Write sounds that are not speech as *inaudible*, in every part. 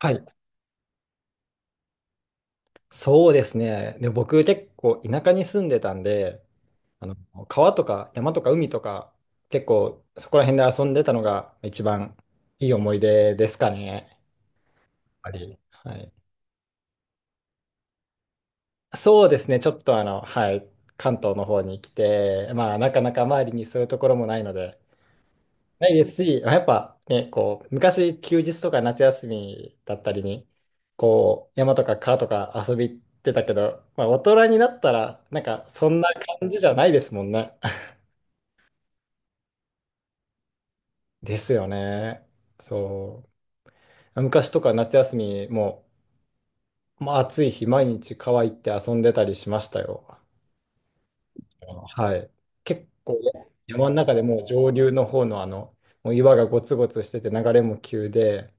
はい、そうですね。で、僕結構田舎に住んでたんで、あの、川とか山とか海とか、結構そこら辺で遊んでたのが一番いい思い出ですかね。やっぱり。はい。そうですね。ちょっとはい、関東の方に来て、まあなかなか周りにそういうところもないので、ないですし、やっぱね、こう、昔休日とか夏休みだったりに、こう、山とか川とか遊び行ってたけど、まあ大人になったら、なんかそんな感じじゃないですもんね。*laughs* ですよね。そう。昔とか夏休みも、まあ、暑い日、毎日川行って遊んでたりしましたよ。はい。結構ね、山の中でもう上流の方のもう岩がゴツゴツしてて流れも急で、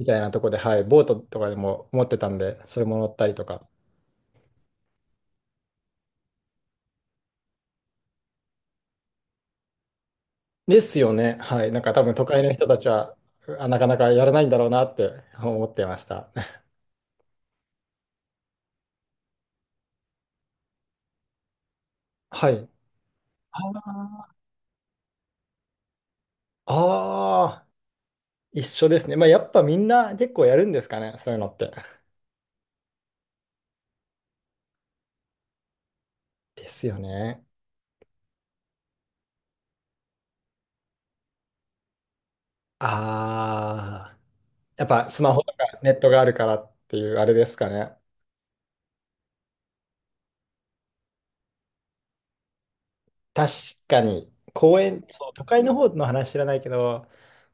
みたいなとこで、はい、ボートとかでも持ってたんで、それも乗ったりとか。ですよね。はい。なんか多分都会の人たちは、なかなかやらないんだろうなって思ってました。*laughs* はい。ああ、一緒ですね。まあ、やっぱみんな結構やるんですかね、そういうのって。ですよね。ああ、やっぱスマホとかネットがあるからっていうあれですかね。確かに、公園、そう都会の方の話知らないけど、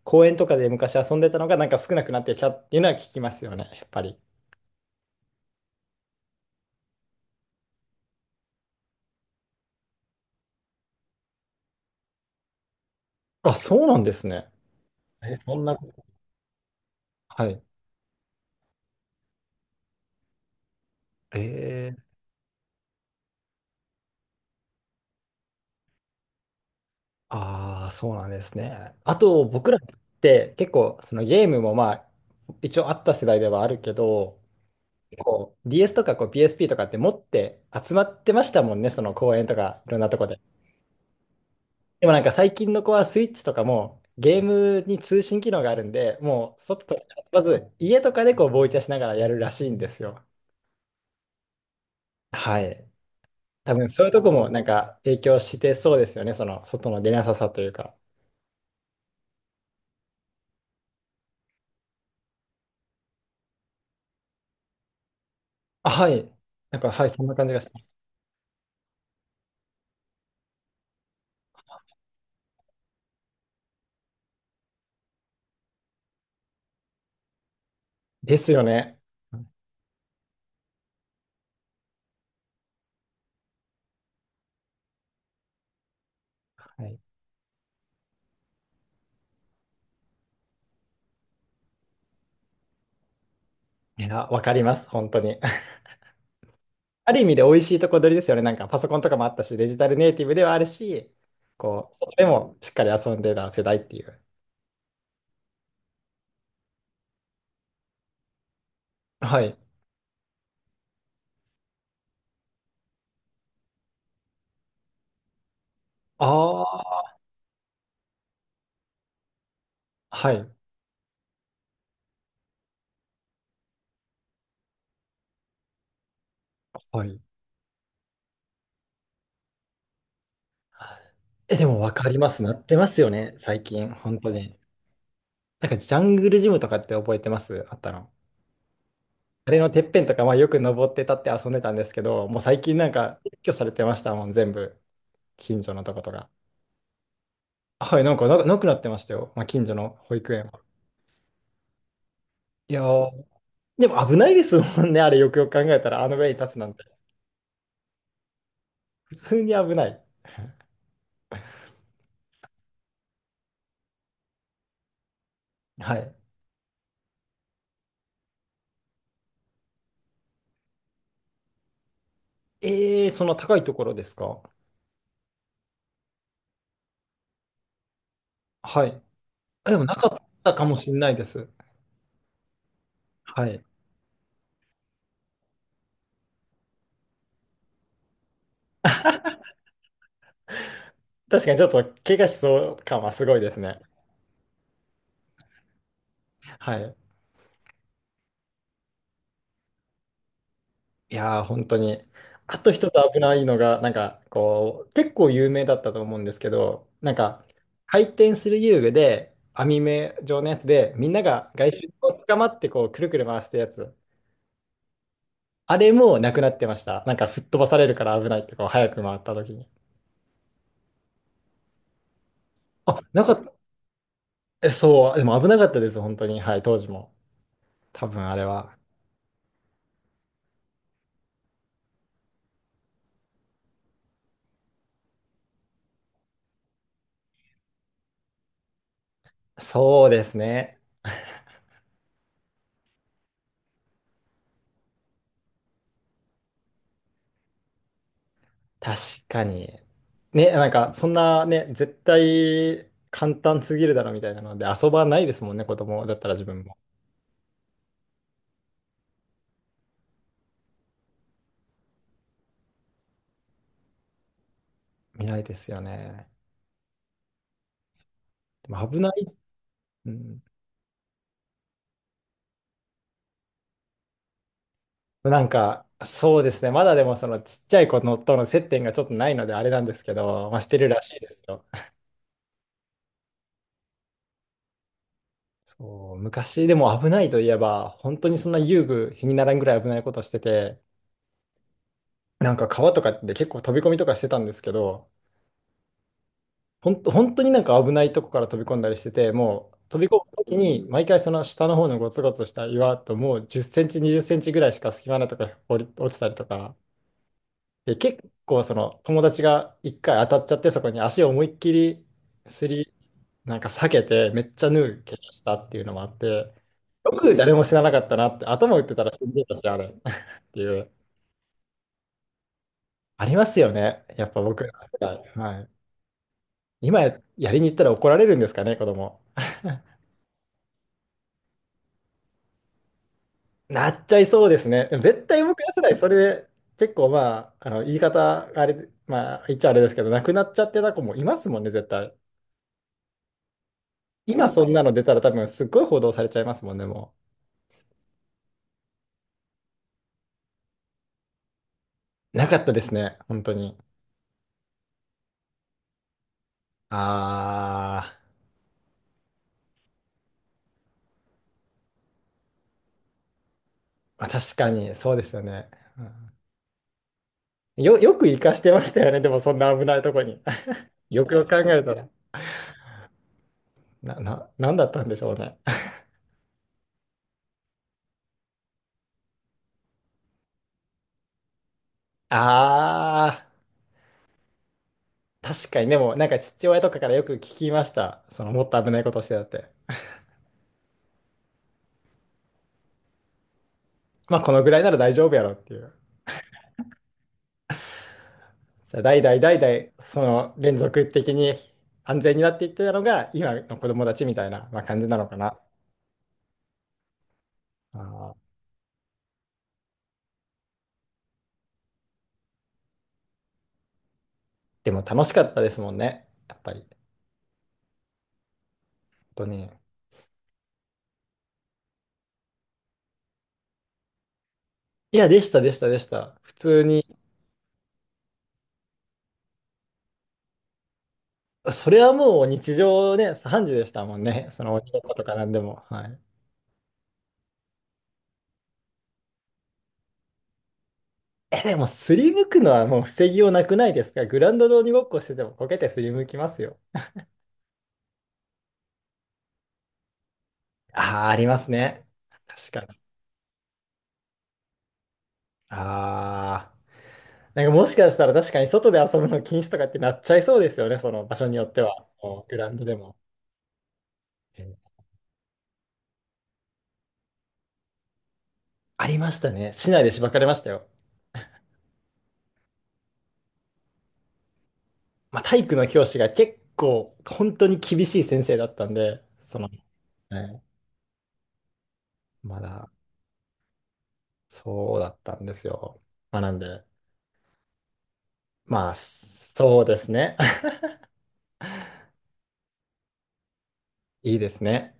公園とかで昔遊んでたのがなんか少なくなってきたっていうのは聞きますよね、やっぱり。あ、そうなんですね。え、そんなこと、はい。えー、ああ、そうなんですね。あと、僕らって結構、そのゲームもまあ、一応あった世代ではあるけど、こう DS とかこう PSP とかって持って集まってましたもんね、その公園とかいろんなとこで。でもなんか最近の子はスイッチとかもゲームに通信機能があるんで、もう外と、まず家とかでこうボイチャしながらやるらしいんですよ。はい。多分そういうとこもなんか影響してそうですよね、その外の出なささというか。あ、はい。なんか、はい、そんな感じがします。ですよね。はい。いや、わかります、本当に。*laughs* ある意味で美味しいとこ取りですよね。なんかパソコンとかもあったし、デジタルネイティブではあるし、こう、でもしっかり遊んでた世代っていう。はい。ああ、はい。はい。え、でもわかります。なってますよね、最近、本当に。なんかジャングルジムとかって覚えてます？あったの？あれのてっぺんとか、まあ、よく登って立って遊んでたんですけど、もう最近なんか撤去されてましたもん、全部。近所のとことか。はい、なんかな、なくなってましたよ、まあ、近所の保育園は。いやー、でも危ないですもんね、あれよくよく考えたら、あの上に立つなんて。普通に危ない。はい。そんな高いところですか？はい。あでもなかったかもしれないです。はい。確かにちょっと怪我しそう感はすごいですね。はい。いやー、本当に。あと一つ危ないのが、なんか、こう、結構有名だったと思うんですけど、なんか、回転する遊具で、網目状のやつで、みんなが外周を捕まって、こう、くるくる回したやつ。あれもなくなってました。なんか、吹っ飛ばされるから危ないって、こう、早く回った時に。あ、なかった。えそう、でも危なかったです、本当に。はい、当時も。多分あれは。そうですね。確かに。ね、なんか、そんなね、絶対簡単すぎるだろみたいなので、遊ばないですもんね、子供だったら自分も。見ないですよね。でも危ない。うん。なんか、そうですね。まだでも、そのちっちゃい子のとの接点がちょっとないので、あれなんですけど、まあ、してるらしいですよ。そう、昔でも危ないといえば、本当にそんな遊具、日にならんぐらい危ないことしてて、なんか川とかで結構飛び込みとかしてたんですけど、ほんと、本当になんか危ないとこから飛び込んだりしてて、もう飛び込むときに、毎回その下の方のゴツゴツした岩と、もう10センチ、20センチぐらいしか隙間なとか落ちたりとか、で、結構その友達が一回当たっちゃって、そこに足を思いっきりすり、なんか避けて、めっちゃ縫う怪我したっていうのもあって、よく誰も死ななかったなって、頭打ってたら死んでたし、あれ *laughs* っていう、ありますよね、やっぱ僕らの世代。はい。今や、やりに行ったら怒られるんですかね、子供。なっちゃいそうですね。でも絶対僕ら世代、それで結構まあ、あの言い方、あれまあ、言っちゃあれですけど、なくなっちゃってた子もいますもんね、絶対。今そんなの出たら多分すっごい報道されちゃいますもんね、もう。なかったですね、本当に。あー、まあ、確かに、そうですよね。うんよく生かしてましたよね、でもそんな危ないとこに。*laughs* よくよく考えたら。なんだったんでしょうね。あー、確かに、でもなんか父親とかからよく聞きました。そのもっと危ないことをしてたって。まあこのぐらいなら大丈夫やろっていう。代々代々その連続的に安全になっていってたのが今の子供たちみたいな、まあ、感じなのかな。あーでも楽しかったですもんね。やっぱり。本当に。いや、でした、でした、でした。普通に。それはもう日常ね、3時でしたもんね。その鬼ごっことかなんでも。はい。え、でも、すりむくのはもう防ぎようなくないですか？グラウンドで鬼ごっこしててもこけてすりむきますよ。ああ、ありますね。確かに。ああ。なんかもしかしたら確かに外で遊ぶの禁止とかってなっちゃいそうですよね、その場所によっては。もうグラウンドでも。えーありましたね。市内でしばかれましたよ。まあ、体育の教師が結構本当に厳しい先生だったんで、その、ねまだそうだったんですよ。まあ、なんで、まあ、そうですね。*laughs* いいですね。